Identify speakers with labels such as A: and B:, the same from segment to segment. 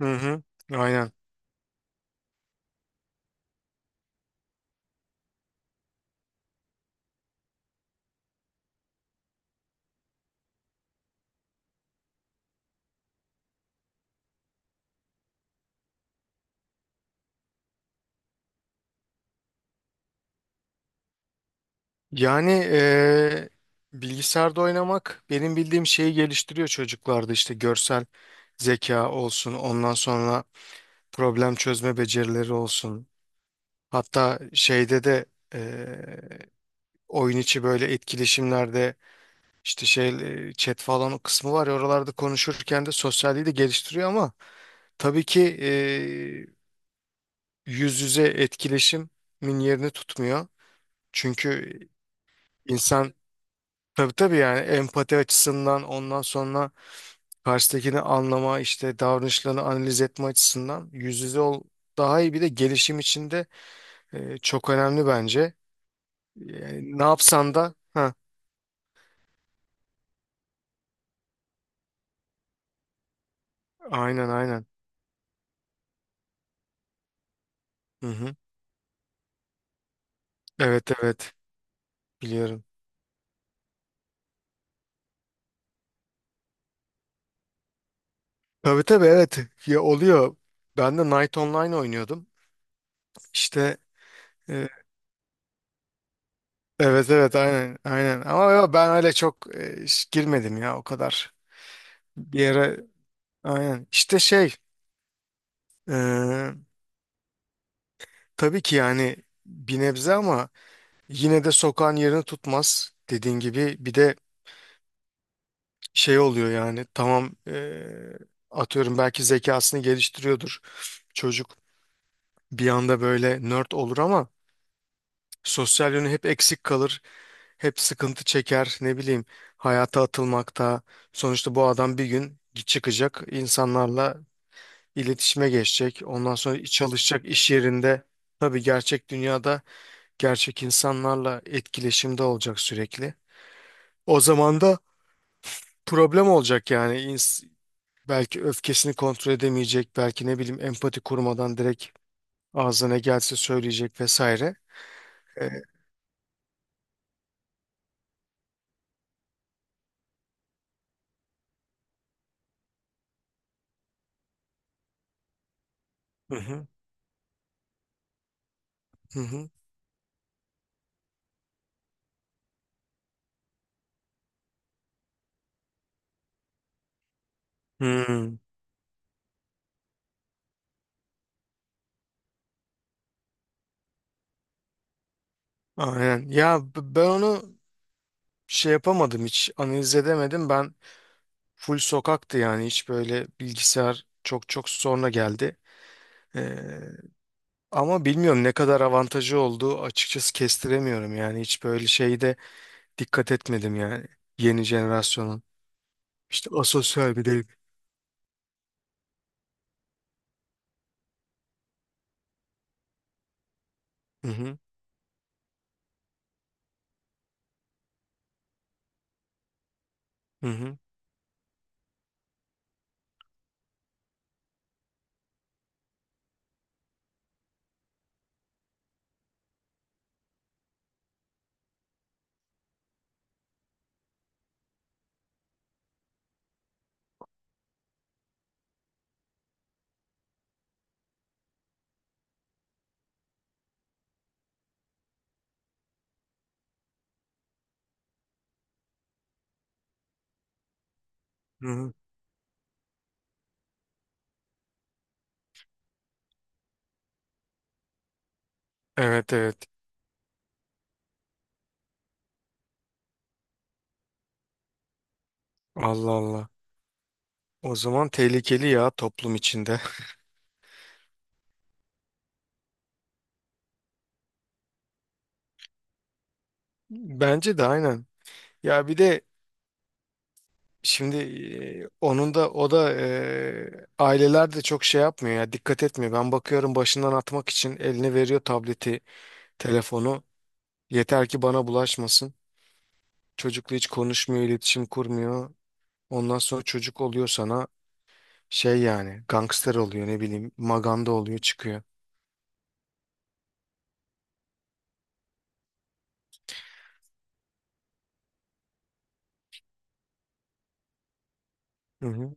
A: Hı hı, aynen. Yani eee, Bilgisayarda oynamak benim bildiğim şeyi geliştiriyor çocuklarda, işte görsel zeka olsun, ondan sonra problem çözme becerileri olsun. Hatta şeyde de eee, oyun içi böyle etkileşimlerde işte şey chat falan o kısmı var ya, oralarda konuşurken de sosyalliği de geliştiriyor, ama tabii ki yüz yüze etkileşimin yerini tutmuyor. Çünkü insan. Tabii tabii, yani empati açısından, ondan sonra karşıdakini anlama, işte davranışlarını analiz etme açısından yüz yüze ol daha iyi, bir de gelişim içinde çok önemli bence. Yani ne yapsan da ha, aynen aynen. Hı hı. Evet evet, biliyorum. Tabii tabii, evet, ya oluyor. Ben de Night Online oynuyordum. İşte e, evet evet, aynen aynen, ama ya ben öyle çok girmedim ya o kadar. Bir yere aynen, işte şey, e, tabii ki yani bir nebze, ama yine de sokağın yerini tutmaz. Dediğin gibi, bir de şey oluyor yani. Tamam, atıyorum belki zekasını geliştiriyordur çocuk, bir anda böyle nerd olur, ama sosyal yönü hep eksik kalır. Hep sıkıntı çeker, ne bileyim, hayata atılmakta. Sonuçta bu adam bir gün çıkacak, insanlarla iletişime geçecek. Ondan sonra çalışacak iş yerinde, tabii, gerçek dünyada gerçek insanlarla etkileşimde olacak sürekli. O zaman da problem olacak yani. Belki öfkesini kontrol edemeyecek, belki ne bileyim empati kurmadan direkt ağzına ne gelse söyleyecek vesaire. E, Hı hı. Hı hı. Hmm, aynen. Ya, ben onu şey yapamadım, hiç analiz edemedim. Ben full sokaktı yani, hiç böyle bilgisayar çok çok sonra geldi. E, Ama bilmiyorum ne kadar avantajı olduğu, açıkçası kestiremiyorum yani, hiç böyle şeyde dikkat etmedim yani. Yeni jenerasyonun. İşte asosyal bir değil. Hı hı. Hı hı. Hı hı. Evet evet. Allah Allah. O zaman tehlikeli ya toplum içinde. Bence de aynen. Ya bir de şimdi onun da, o da, aileler de çok şey yapmıyor ya, dikkat etmiyor. Ben bakıyorum, başından atmak için eline veriyor tableti, telefonu. Yeter ki bana bulaşmasın. Çocukla hiç konuşmuyor, iletişim kurmuyor. Ondan sonra çocuk oluyor sana. Şey yani, gangster oluyor, ne bileyim maganda oluyor çıkıyor. Hı hı.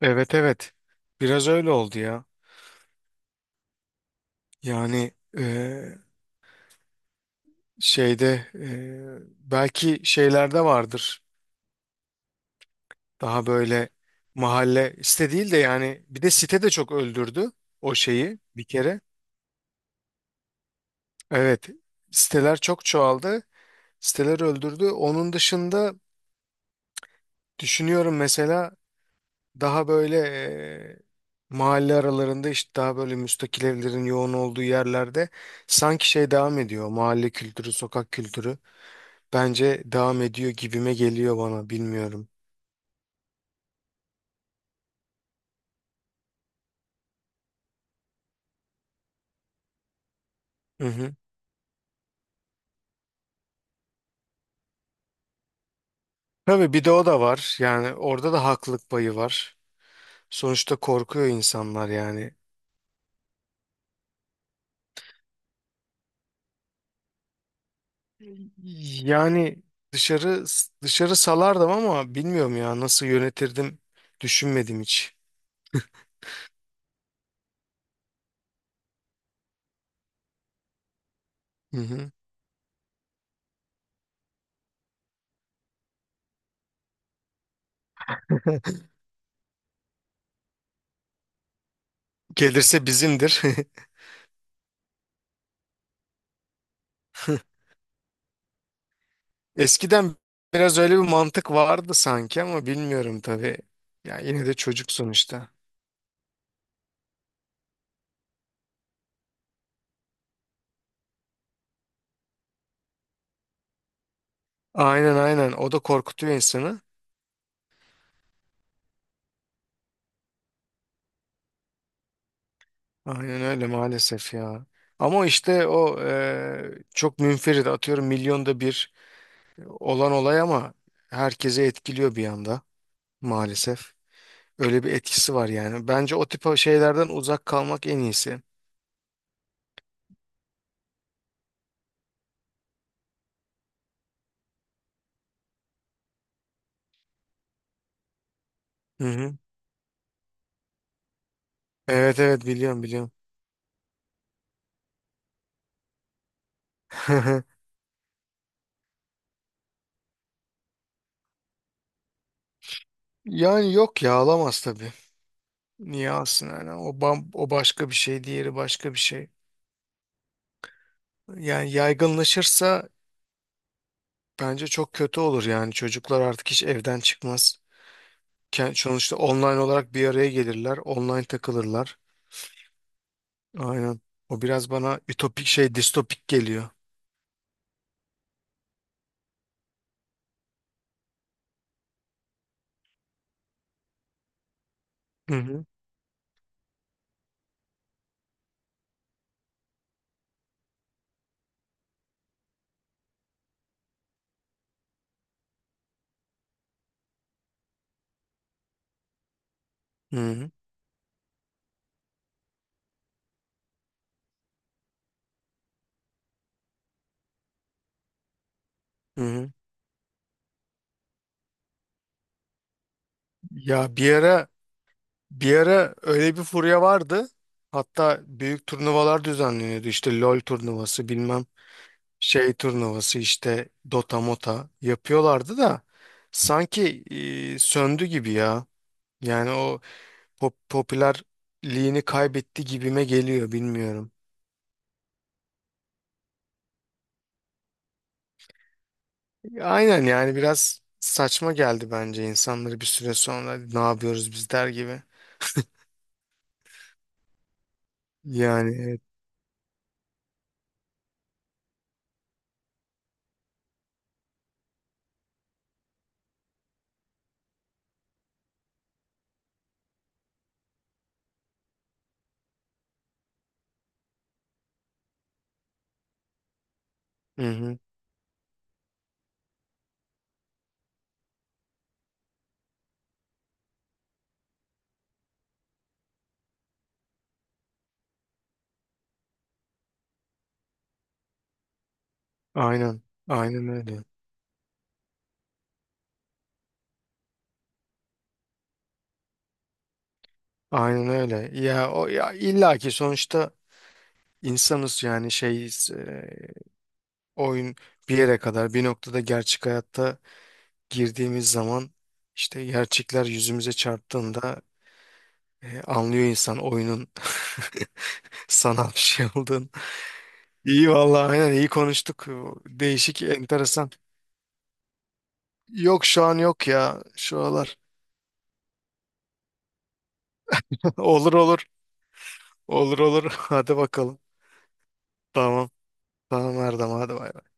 A: Evet evet, biraz öyle oldu ya. Yani eee, şeyde belki şeylerde vardır daha böyle. Mahalle site değil de, yani bir de site de çok öldürdü o şeyi bir kere. Evet, siteler çok çoğaldı, siteler öldürdü. Onun dışında düşünüyorum mesela, daha böyle mahalle aralarında, işte daha böyle müstakil evlerin yoğun olduğu yerlerde sanki şey devam ediyor. Mahalle kültürü, sokak kültürü bence devam ediyor gibime geliyor bana, bilmiyorum. Hı hı. Tabii, bir de o da var. Yani orada da haklılık payı var. Sonuçta korkuyor insanlar yani. Yani dışarı dışarı salardım, ama bilmiyorum ya, nasıl yönetirdim düşünmedim hiç. Hı hı. Gelirse bizimdir. Eskiden biraz öyle bir mantık vardı sanki, ama bilmiyorum tabii. Ya yine de çocuk sonuçta. Aynen aynen, o da korkutuyor insanı. Aynen öyle maalesef ya. Ama işte o çok münferit, atıyorum milyonda bir olan olay, ama herkese etkiliyor bir anda maalesef. Öyle bir etkisi var yani. Bence o tip şeylerden uzak kalmak en iyisi. Hı hı. Evet evet, biliyorum biliyorum. Yani yok ya, alamaz tabii. Niye alsın yani? O bam, o başka bir şey, diğeri başka bir şey. Yani yaygınlaşırsa bence çok kötü olur yani. Çocuklar artık hiç evden çıkmaz. Sonuçta online olarak bir araya gelirler, online takılırlar. Aynen. O biraz bana ütopik şey, distopik geliyor. Hı hı. Hı hı. Hı hı. Ya bir ara öyle bir furya vardı. Hatta büyük turnuvalar düzenleniyordu. İşte LoL turnuvası, bilmem şey turnuvası, işte Dota Mota yapıyorlardı da sanki söndü gibi ya. Yani o popülerliğini kaybetti gibime geliyor, bilmiyorum. Aynen, yani biraz saçma geldi bence insanları bir süre sonra ne yapıyoruz biz der gibi. Yani evet. Hı hı. Aynen. Aynen öyle. Aynen öyle. Ya o, ya illaki sonuçta insanız yani, oyun bir yere kadar, bir noktada gerçek hayatta girdiğimiz zaman, işte gerçekler yüzümüze çarptığında, anlıyor insan oyunun sanal bir şey olduğunu. İyi vallahi, aynen, iyi konuştuk. Değişik, enteresan. Yok, şu an yok ya şu aralar. Olur olur. Olur olur. Hadi bakalım. Tamam. Tamam Erdem, hadi bay bay.